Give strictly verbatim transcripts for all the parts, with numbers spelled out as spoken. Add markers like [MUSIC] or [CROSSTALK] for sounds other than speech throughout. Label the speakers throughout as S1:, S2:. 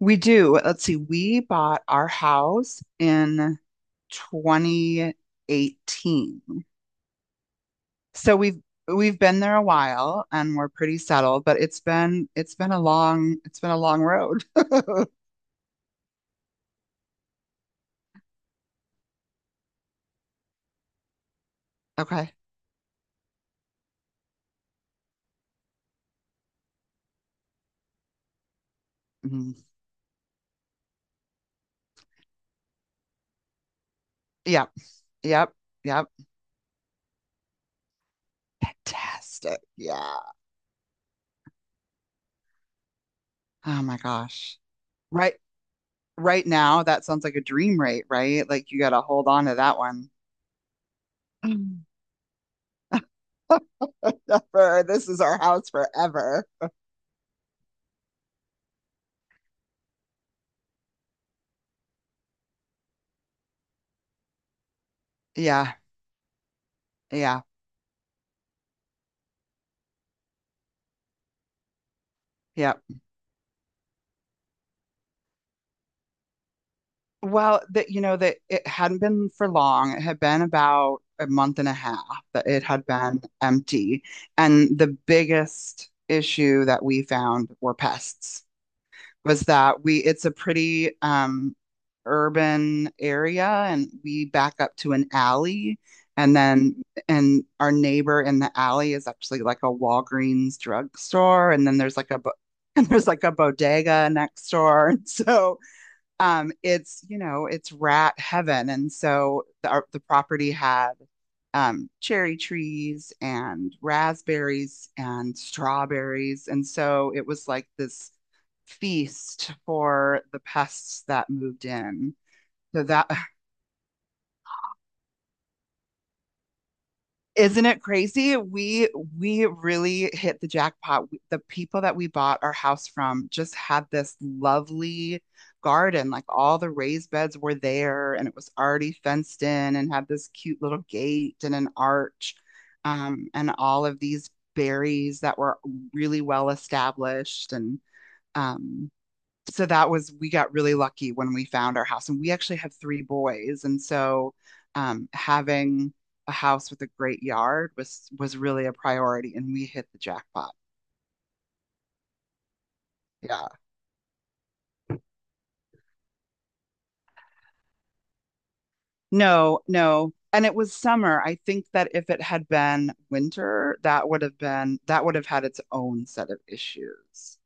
S1: We do. Let's see. We bought our house in twenty eighteen. So we've we've been there a while and we're pretty settled, but it's been it's been a long it's been a long road. [LAUGHS] Okay. Mhm. Yep. Yep. Yep. Fantastic. Yeah. Oh my gosh. Right right now that sounds like a dream rate, right? Like you got to hold on to that one. [LAUGHS] Forever. This is our house forever. Yeah. Yeah. Yep. Well, that you know that it hadn't been for long. It had been about a month and a half that it had been empty. And the biggest issue that we found were pests. Was that we it's a pretty um urban area, and we back up to an alley, and then and our neighbor in the alley is actually like a Walgreens drugstore, and then there's like a bo- [LAUGHS] and there's like a bodega next door. And so um, it's you know it's rat heaven, and so the our, the property had um, cherry trees and raspberries and strawberries, and so it was like this feast for the pests that moved in. So that Isn't it crazy? We we really hit the jackpot. We- The people that we bought our house from just had this lovely garden. Like all the raised beds were there and it was already fenced in and had this cute little gate and an arch. Um, and all of these berries that were really well established. And um so that was, we got really lucky when we found our house, and we actually have three boys, and so um, having a house with a great yard was was really a priority, and we hit the jackpot. Yeah, no no and it was summer. I think that if it had been winter, that would have been, that would have had its own set of issues.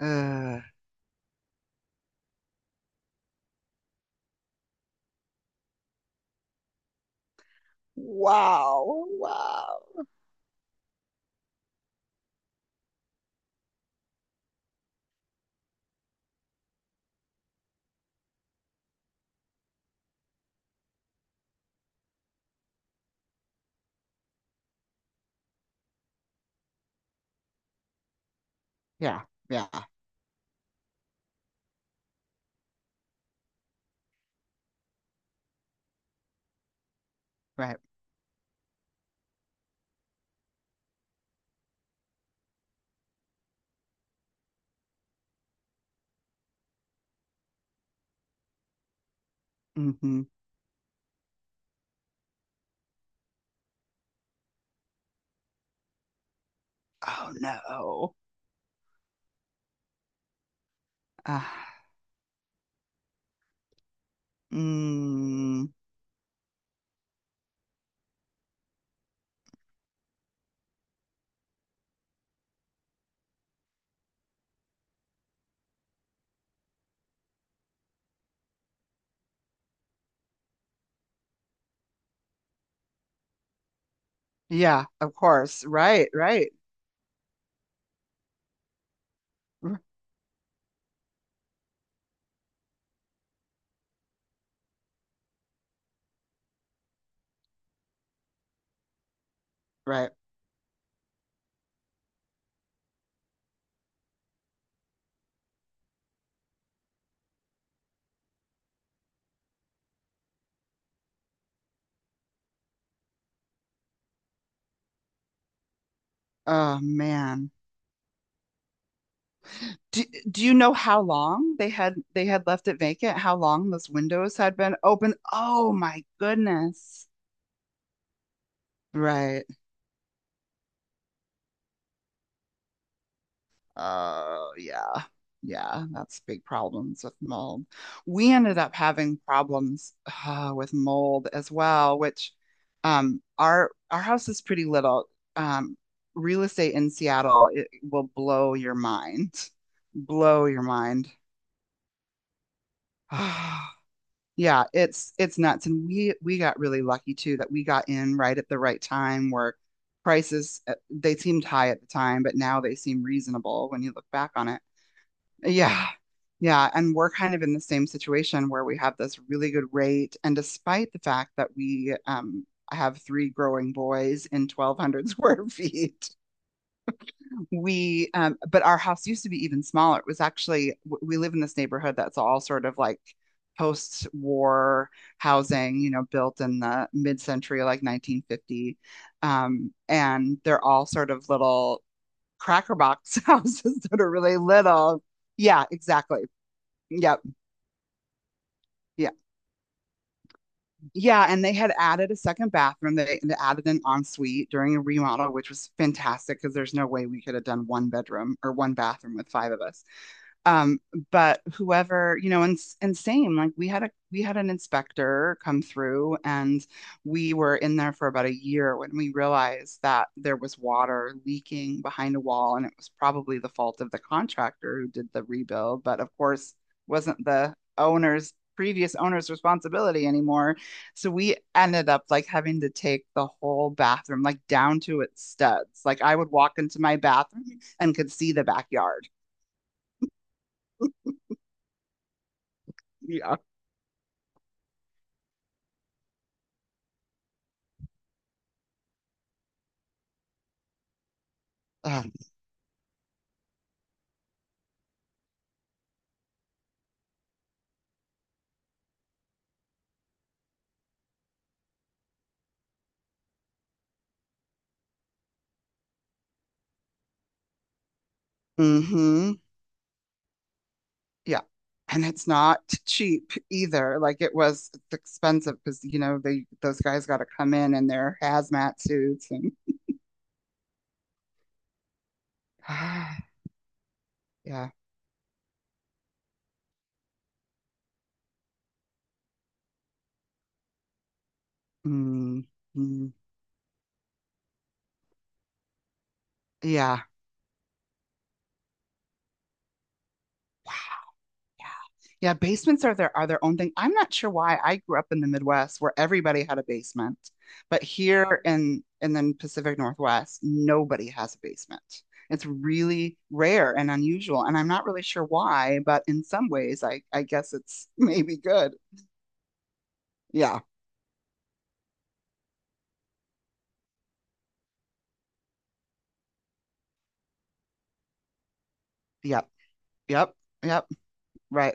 S1: uh, wow, wow. Yeah. Yeah. Right. Hmm. Oh no. uh, mm. Yeah, of course. Right, right. r- Right. Oh man. Do, do you know how long they had they had left it vacant? How long those windows had been open? Oh my goodness. Right. Oh yeah. Yeah, that's big problems with mold. We ended up having problems uh, with mold as well, which um our our house is pretty little. Um Real estate in Seattle, it will blow your mind. Blow your mind. [SIGHS] Yeah, it's it's nuts. And we we got really lucky too that we got in right at the right time where prices uh, they seemed high at the time, but now they seem reasonable when you look back on it. Yeah. Yeah, and we're kind of in the same situation where we have this really good rate, and despite the fact that we um have three growing boys in twelve hundred square [LAUGHS] feet. We um but our house used to be even smaller. It was actually, we live in this neighborhood that's all sort of like post-war housing, you know, built in the mid-century, like nineteen fifty. Um and they're all sort of little cracker box [LAUGHS] houses that are really little. Yeah, exactly. Yep. Yeah. Yeah, and they had added a second bathroom. They, they added an ensuite during a remodel, which was fantastic because there's no way we could have done one bedroom or one bathroom with five of us. Um, but whoever, you know, and and same, like we had a we had an inspector come through, and we were in there for about a year when we realized that there was water leaking behind a wall, and it was probably the fault of the contractor who did the rebuild, but of course wasn't the owner's previous owner's responsibility anymore. So we ended up like having to take the whole bathroom like down to its studs. Like I would walk into my bathroom and could see the backyard. Yeah. Um, hmm. Yeah. And it's not cheap either. Like it was, it's expensive because, you know, they, those guys got to come in in their hazmat suits and [SIGHS] yeah. Mm, mm, yeah. Wow. Yeah. Yeah, basements are their are their own thing. I'm not sure why. I grew up in the Midwest where everybody had a basement, but here in in the Pacific Northwest, nobody has a basement. It's really rare and unusual, and I'm not really sure why, but in some ways, I I guess it's [LAUGHS] maybe good. Yeah. Yep. Yep. Yep. Right.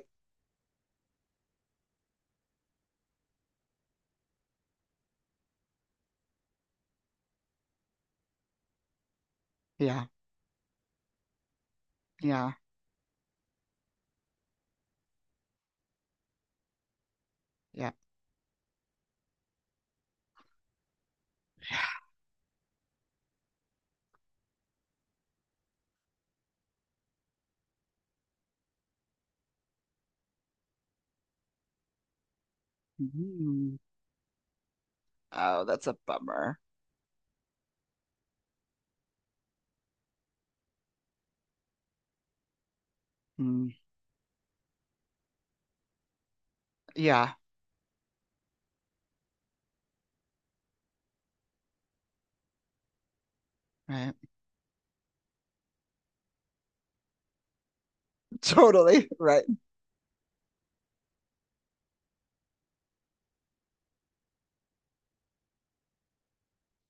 S1: Yeah. Yeah. Yeah. Mm. Oh, that's a bummer. Mm. Yeah. Right. [LAUGHS] Totally. Right.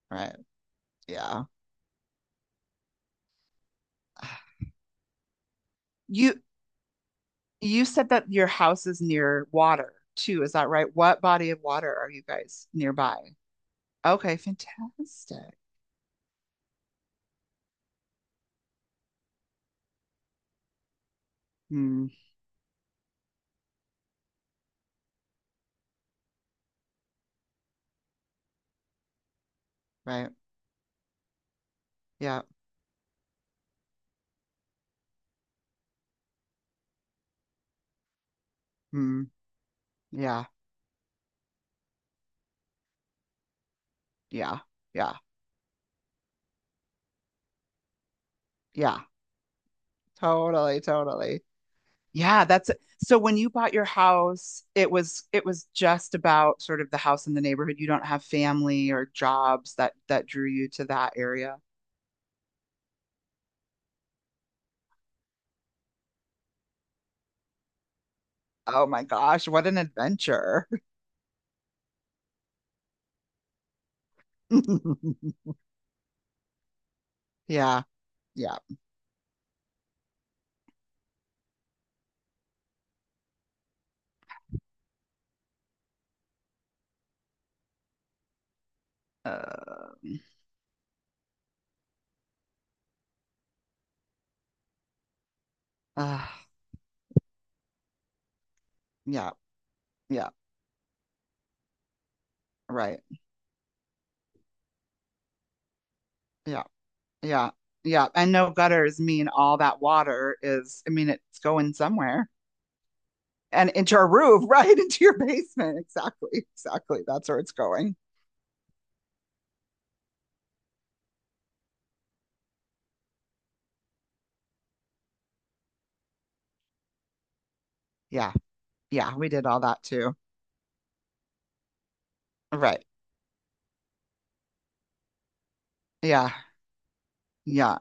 S1: Right. Yeah. You You said that your house is near water too, is that right? What body of water are you guys nearby? Okay, fantastic. Mm, right. Yeah. Mm, yeah. Yeah. Yeah. Yeah. Totally, totally. Yeah, that's, so when you bought your house, it was it was just about sort of the house in the neighborhood. You don't have family or jobs that that drew you to that area. Oh my gosh, what an adventure. [LAUGHS] Yeah. Yeah. Um, ah. Yeah, yeah, right. Yeah, yeah, yeah. And no gutters mean all that water is, I mean, it's going somewhere and into your roof, [LAUGHS] right? Into your basement. Exactly, exactly. That's where it's going. Yeah, yeah. We did all that too. Right. Yeah, yeah.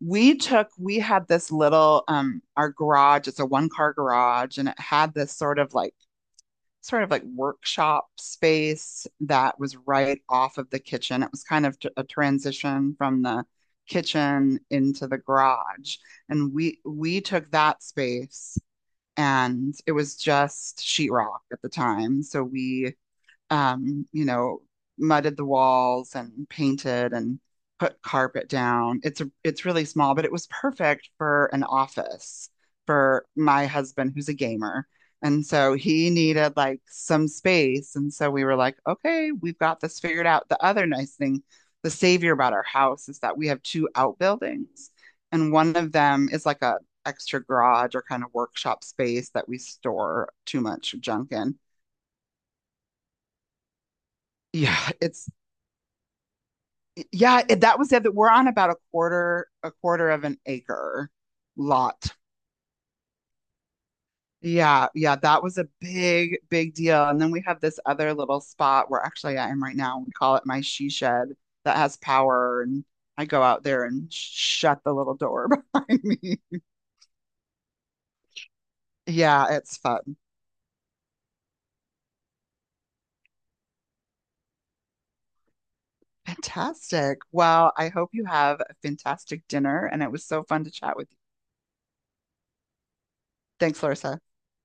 S1: We took, we had this little, um, our garage, it's a one car garage, and it had this sort of like, sort of like workshop space that was right off of the kitchen. It was kind of t- a transition from the kitchen into the garage. And we we took that space, and it was just sheetrock at the time. So we um, you know, mudded the walls and painted and put carpet down. It's a, it's really small, but it was perfect for an office for my husband who's a gamer. And so he needed like some space. And so we were like, okay, we've got this figured out. The other nice thing, the savior about our house is that we have two outbuildings, and one of them is like a extra garage or kind of workshop space that we store too much junk in. Yeah, it's yeah, it- that was the other. We're on about a quarter, a quarter of an acre lot. Yeah, yeah, that was a big, big deal. And then we have this other little spot where actually I am right now. We call it my she shed that has power, and I go out there and sh- shut the little door [LAUGHS] behind me. Yeah, it's fun. Fantastic. Well, I hope you have a fantastic dinner, and it was so fun to chat with you. Thanks, Larissa.